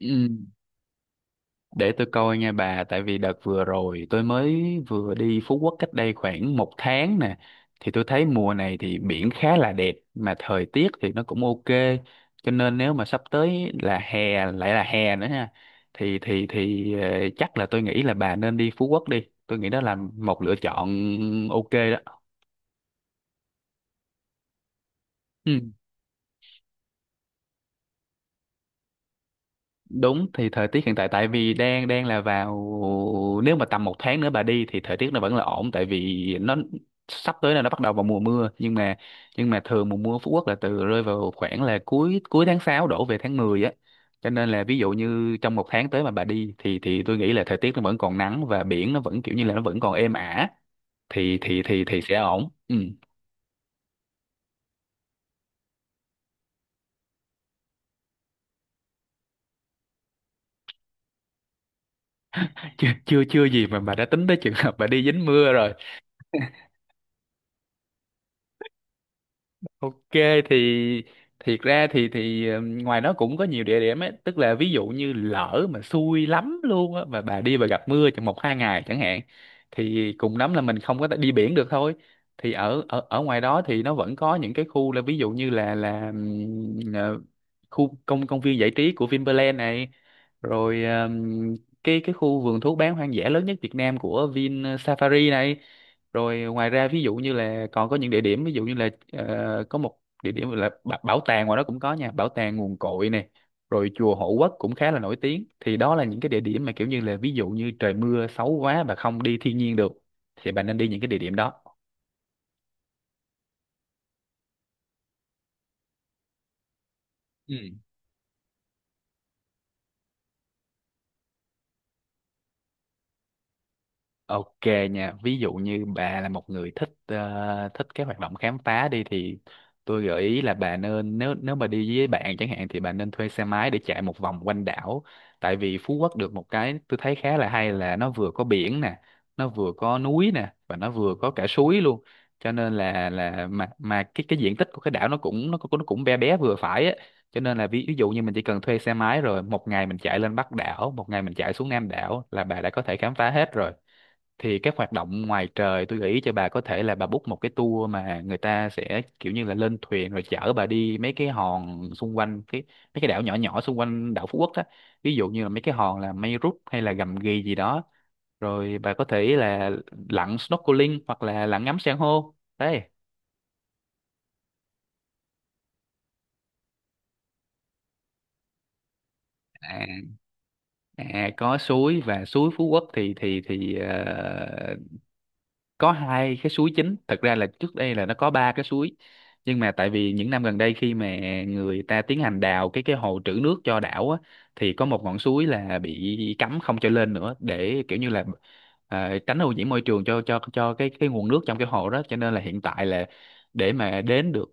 Ừ, để tôi coi nha bà. Tại vì đợt vừa rồi tôi vừa đi Phú Quốc cách đây khoảng một tháng nè, thì tôi thấy mùa này thì biển khá là đẹp, mà thời tiết thì nó cũng ok. Cho nên nếu mà sắp tới là hè, lại là hè nữa ha, thì chắc là tôi nghĩ là bà nên đi Phú Quốc đi, tôi nghĩ đó là một lựa chọn ok đó. Ừ. Đúng, thì thời tiết hiện tại, tại vì đang đang là vào, nếu mà tầm một tháng nữa bà đi thì thời tiết nó vẫn là ổn, tại vì nó sắp tới là nó bắt đầu vào mùa mưa. Nhưng mà thường mùa mưa ở Phú Quốc là từ, rơi vào khoảng là cuối cuối tháng 6 đổ về tháng 10 á. Cho nên là ví dụ như trong một tháng tới mà bà đi thì tôi nghĩ là thời tiết nó vẫn còn nắng, và biển nó vẫn kiểu như là nó vẫn còn êm ả, thì sẽ ổn. Ừ. chưa chưa chưa gì mà bà đã tính tới trường hợp bà đi dính mưa. Ok, thì thiệt ra thì ngoài nó cũng có nhiều địa điểm ấy, tức là ví dụ như lỡ mà xui lắm luôn á mà bà đi, bà gặp mưa trong một hai ngày chẳng hạn, thì cùng lắm là mình không có thể đi biển được thôi. Thì ở ở ở ngoài đó thì nó vẫn có những cái khu, là ví dụ như là khu công công viên giải trí của Vinpearl này, rồi cái khu vườn thú bán hoang dã lớn nhất Việt Nam của Vin Safari này. Rồi ngoài ra ví dụ như là còn có những địa điểm, ví dụ như là có một địa điểm là bảo tàng, ngoài đó cũng có nha, bảo tàng nguồn cội này, rồi chùa Hộ Quốc cũng khá là nổi tiếng. Thì đó là những cái địa điểm mà kiểu như là ví dụ như trời mưa xấu quá và không đi thiên nhiên được, thì bạn nên đi những cái địa điểm đó. Ok nha, ví dụ như bà là một người thích thích cái hoạt động khám phá đi, thì tôi gợi ý là bà nên, nếu nếu mà đi với bạn chẳng hạn, thì bà nên thuê xe máy để chạy một vòng quanh đảo. Tại vì Phú Quốc được một cái tôi thấy khá là hay, là nó vừa có biển nè, nó vừa có núi nè, và nó vừa có cả suối luôn. Cho nên là mà cái diện tích của cái đảo nó cũng bé bé vừa phải á. Cho nên là ví dụ như mình chỉ cần thuê xe máy rồi một ngày mình chạy lên Bắc đảo, một ngày mình chạy xuống Nam đảo, là bà đã có thể khám phá hết rồi. Thì các hoạt động ngoài trời, tôi nghĩ cho bà có thể là bà book một cái tour mà người ta sẽ kiểu như là lên thuyền rồi chở bà đi mấy cái hòn xung quanh, mấy cái đảo nhỏ nhỏ xung quanh đảo Phú Quốc á, ví dụ như là mấy cái hòn là Mây Rút hay là Gầm Ghì gì đó. Rồi bà có thể là lặn snorkeling hoặc là lặn ngắm san hô đấy. À, à, có suối. Và suối Phú Quốc thì có hai cái suối chính. Thật ra là trước đây là nó có ba cái suối, nhưng mà tại vì những năm gần đây, khi mà người ta tiến hành đào cái hồ trữ nước cho đảo á, thì có một ngọn suối là bị cấm không cho lên nữa, để kiểu như là tránh ô nhiễm môi trường cho cái nguồn nước trong cái hồ đó. Cho nên là hiện tại là, để mà đến được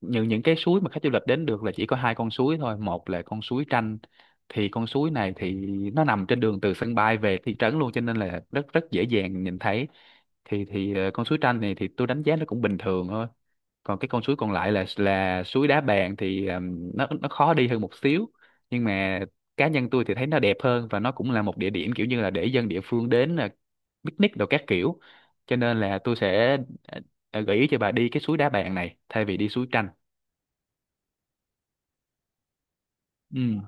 những cái suối mà khách du lịch đến được, là chỉ có hai con suối thôi. Một là con suối Tranh, thì con suối này thì nó nằm trên đường từ sân bay về thị trấn luôn, cho nên là rất rất dễ dàng nhìn thấy. Thì con suối Tranh này thì tôi đánh giá nó cũng bình thường thôi. Còn cái con suối còn lại là suối Đá Bàn, thì nó khó đi hơn một xíu, nhưng mà cá nhân tôi thì thấy nó đẹp hơn, và nó cũng là một địa điểm kiểu như là để dân địa phương đến picnic đồ các kiểu. Cho nên là tôi sẽ gợi ý cho bà đi cái suối Đá Bàn này thay vì đi suối Tranh. Ừ,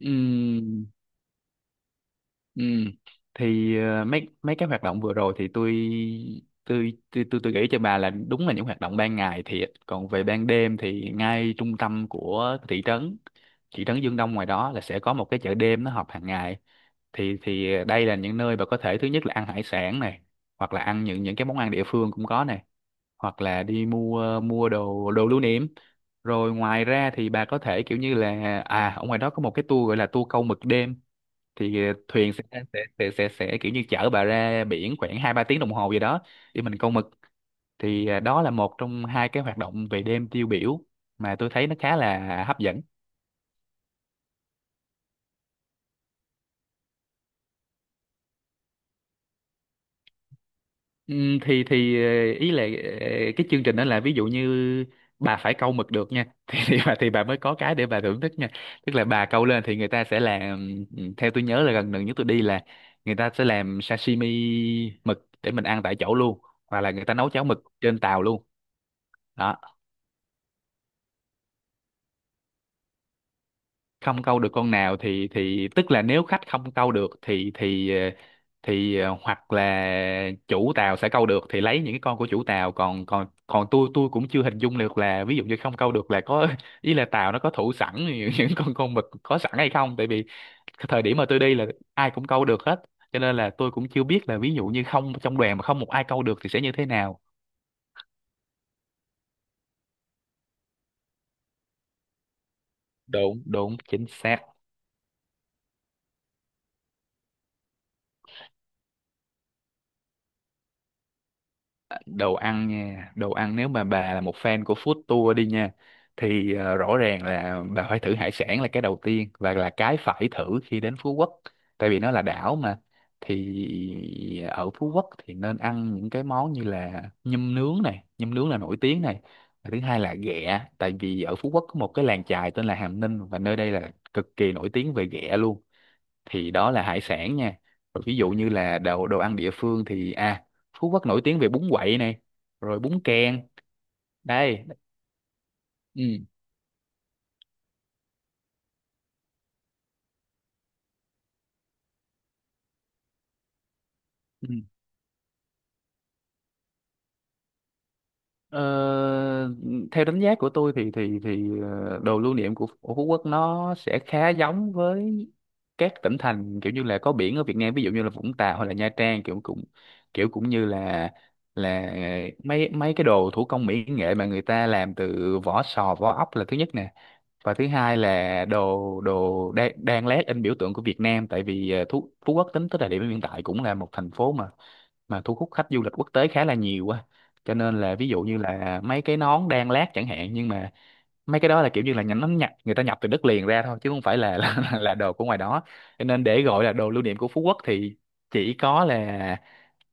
ừ, ừ. Thì mấy mấy cái hoạt động vừa rồi thì tôi nghĩ cho bà là đúng, là những hoạt động ban ngày thiệt. Còn về ban đêm thì ngay trung tâm của thị trấn Dương Đông ngoài đó là sẽ có một cái chợ đêm, nó họp hàng ngày. Thì đây là những nơi bà có thể, thứ nhất là ăn hải sản này, hoặc là ăn những cái món ăn địa phương cũng có này, hoặc là đi mua mua đồ đồ lưu niệm. Rồi ngoài ra thì bà có thể kiểu như là, à, ở ngoài đó có một cái tour gọi là tour câu mực đêm. Thì thuyền sẽ sẽ kiểu như chở bà ra biển khoảng hai ba tiếng đồng hồ gì đó, để mình câu mực. Thì à, đó là một trong hai cái hoạt động về đêm tiêu biểu mà tôi thấy nó khá là hấp dẫn. Ý là, ờ, cái chương trình đó là ví dụ như bà phải câu mực được nha. Thì bà, thì bà mới có cái để bà thưởng thức nha. Tức là bà câu lên thì người ta sẽ làm, theo tôi nhớ là gần gần nhất tôi đi là, người ta sẽ làm sashimi mực để mình ăn tại chỗ luôn, hoặc là người ta nấu cháo mực trên tàu luôn. Đó. Không câu được con nào thì tức là nếu khách không câu được thì hoặc là chủ tàu sẽ câu được thì lấy những cái con của chủ tàu. Còn còn còn tôi cũng chưa hình dung được là ví dụ như không câu được là có, ý là tàu nó có thủ sẵn những con mực có sẵn hay không, tại vì cái thời điểm mà tôi đi là ai cũng câu được hết, cho nên là tôi cũng chưa biết là ví dụ như không, trong đoàn mà không một ai câu được thì sẽ như thế nào. Đúng, đúng, chính xác. Đồ ăn nha. Đồ ăn, nếu mà bà là một fan của food tour đi nha, thì rõ ràng là bà phải thử hải sản, là cái đầu tiên và là cái phải thử khi đến Phú Quốc, tại vì nó là đảo mà. Thì ở Phú Quốc thì nên ăn những cái món như là nhum nướng này, nhum nướng là nổi tiếng này. Và thứ hai là ghẹ, tại vì ở Phú Quốc có một cái làng chài tên là Hàm Ninh, và nơi đây là cực kỳ nổi tiếng về ghẹ luôn. Thì đó là hải sản nha. Rồi ví dụ như là đồ đồ ăn địa phương thì à, Phú Quốc nổi tiếng về bún quậy này, rồi bún kèn. Đây. Ừ. Ừ. Ờ, Theo đánh giá của tôi thì đồ lưu niệm của Phú Quốc nó sẽ khá giống với các tỉnh thành kiểu như là có biển ở Việt Nam, ví dụ như là Vũng Tàu hay là Nha Trang, kiểu cũng như là mấy mấy cái đồ thủ công mỹ nghệ mà người ta làm từ vỏ sò vỏ ốc là thứ nhất nè, và thứ hai là đồ đồ đan, đan lát in biểu tượng của Việt Nam. Tại vì Phú Quốc tính tới thời điểm hiện tại cũng là một thành phố mà thu hút khách du lịch quốc tế khá là nhiều quá, cho nên là ví dụ như là mấy cái nón đan lát chẳng hạn, nhưng mà mấy cái đó là kiểu như là nhánh nó nhập người ta nhập từ đất liền ra thôi, chứ không phải là là đồ của ngoài đó. Cho nên để gọi là đồ lưu niệm của Phú Quốc thì chỉ có là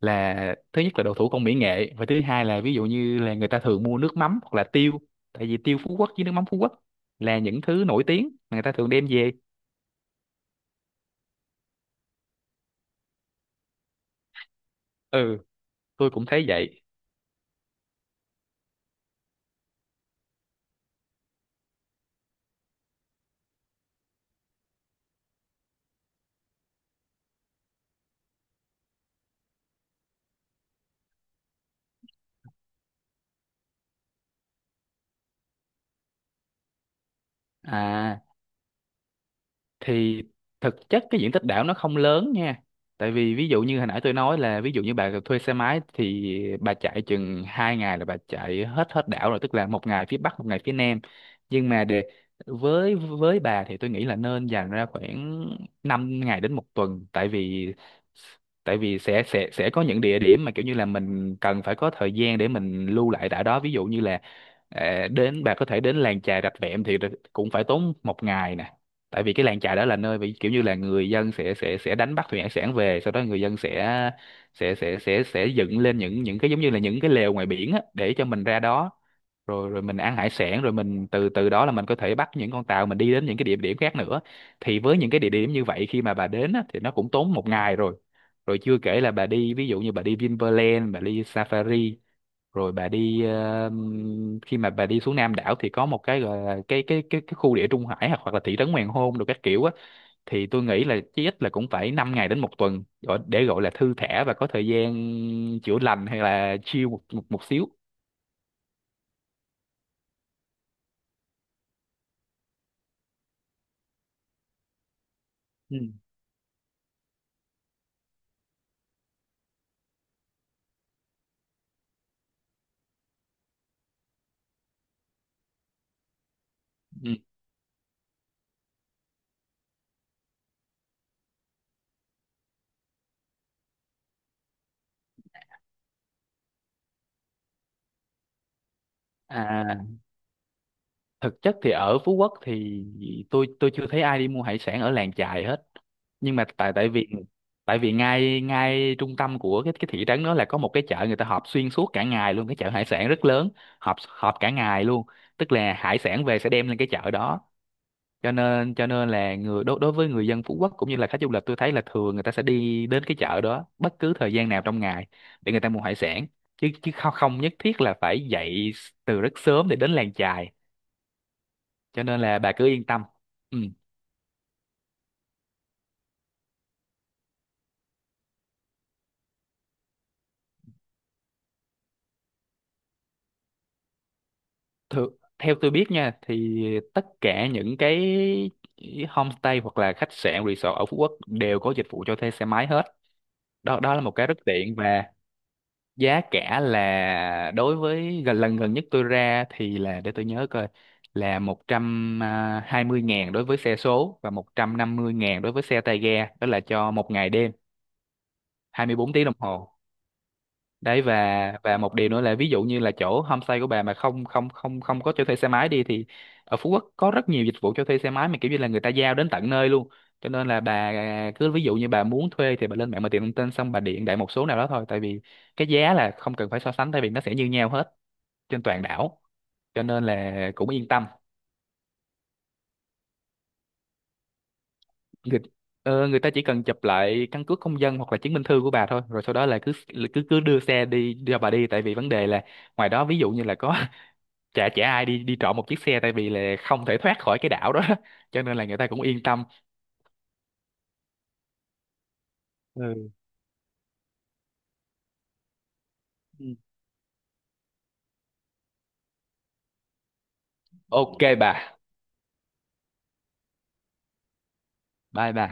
là thứ nhất là đậu thủ công mỹ nghệ, và thứ hai là ví dụ như là người ta thường mua nước mắm hoặc là tiêu, tại vì tiêu Phú Quốc với nước mắm Phú Quốc là những thứ nổi tiếng mà người ta thường đem về. Ừ, tôi cũng thấy vậy. À, thì thực chất cái diện tích đảo nó không lớn nha, tại vì ví dụ như hồi nãy tôi nói là ví dụ như bà thuê xe máy thì bà chạy chừng hai ngày là bà chạy hết hết đảo rồi, tức là một ngày phía bắc một ngày phía nam. Nhưng mà để với bà thì tôi nghĩ là nên dành ra khoảng 5 ngày đến một tuần, tại vì sẽ có những địa điểm mà kiểu như là mình cần phải có thời gian để mình lưu lại đảo đó. Ví dụ như là đến, bà có thể đến làng chài Rạch Vẹm thì cũng phải tốn một ngày nè, tại vì cái làng chài đó là nơi bị kiểu như là người dân sẽ đánh bắt thủy hải sản về, sau đó người dân sẽ dựng lên những cái giống như là những cái lều ngoài biển á, để cho mình ra đó rồi rồi mình ăn hải sản, rồi mình từ từ đó là mình có thể bắt những con tàu mình đi đến những cái địa điểm khác nữa. Thì với những cái địa điểm như vậy khi mà bà đến á, thì nó cũng tốn một ngày rồi. Rồi chưa kể là bà đi, ví dụ như bà đi Vinpearl, bà đi Safari, rồi bà đi khi mà bà đi xuống Nam đảo thì có một cái gọi là cái khu địa Trung Hải, hoặc hoặc là thị trấn Hoàng Hôn đồ các kiểu á. Thì tôi nghĩ là chí ít là cũng phải 5 ngày đến một tuần để gọi là thư thả và có thời gian chữa lành hay là chill một một, một xíu. Ừ. Ừ. À, thực chất thì ở Phú Quốc thì tôi chưa thấy ai đi mua hải sản ở làng chài hết, nhưng mà tại tại vì ngay ngay trung tâm của cái thị trấn đó là có một cái chợ người ta họp xuyên suốt cả ngày luôn, cái chợ hải sản rất lớn, họp họp cả ngày luôn, tức là hải sản về sẽ đem lên cái chợ đó. Cho nên là người đối đối với người dân Phú Quốc cũng như là khách du lịch, tôi thấy là thường người ta sẽ đi đến cái chợ đó bất cứ thời gian nào trong ngày để người ta mua hải sản, chứ chứ không, nhất thiết là phải dậy từ rất sớm để đến làng chài. Cho nên là bà cứ yên tâm. Ừ. Thử, Theo tôi biết nha, thì tất cả những cái homestay hoặc là khách sạn resort ở Phú Quốc đều có dịch vụ cho thuê xe máy hết. Đó đó là một cái rất tiện. Và giá cả là, đối với gần nhất tôi ra thì, là để tôi nhớ coi, là 120 ngàn đối với xe số và 150 ngàn đối với xe tay ga, đó là cho một ngày đêm, 24 tiếng đồng hồ đấy. Và một điều nữa là, ví dụ như là chỗ homestay của bà mà không không không không có cho thuê xe máy đi thì ở Phú Quốc có rất nhiều dịch vụ cho thuê xe máy mà kiểu như là người ta giao đến tận nơi luôn. Cho nên là bà cứ, ví dụ như bà muốn thuê thì bà lên mạng mà tìm thông tin, xong bà điện đại một số nào đó thôi, tại vì cái giá là không cần phải so sánh, tại vì nó sẽ như nhau hết trên toàn đảo, cho nên là cũng yên tâm. người, Người ta chỉ cần chụp lại căn cước công dân hoặc là chứng minh thư của bà thôi, rồi sau đó là cứ cứ cứ đưa xe đi cho bà đi, tại vì vấn đề là ngoài đó ví dụ như là có chả chả ai đi đi trộm một chiếc xe, tại vì là không thể thoát khỏi cái đảo đó cho nên là người ta cũng yên tâm. Ừ. Ừ. Ok bà. Bye bà.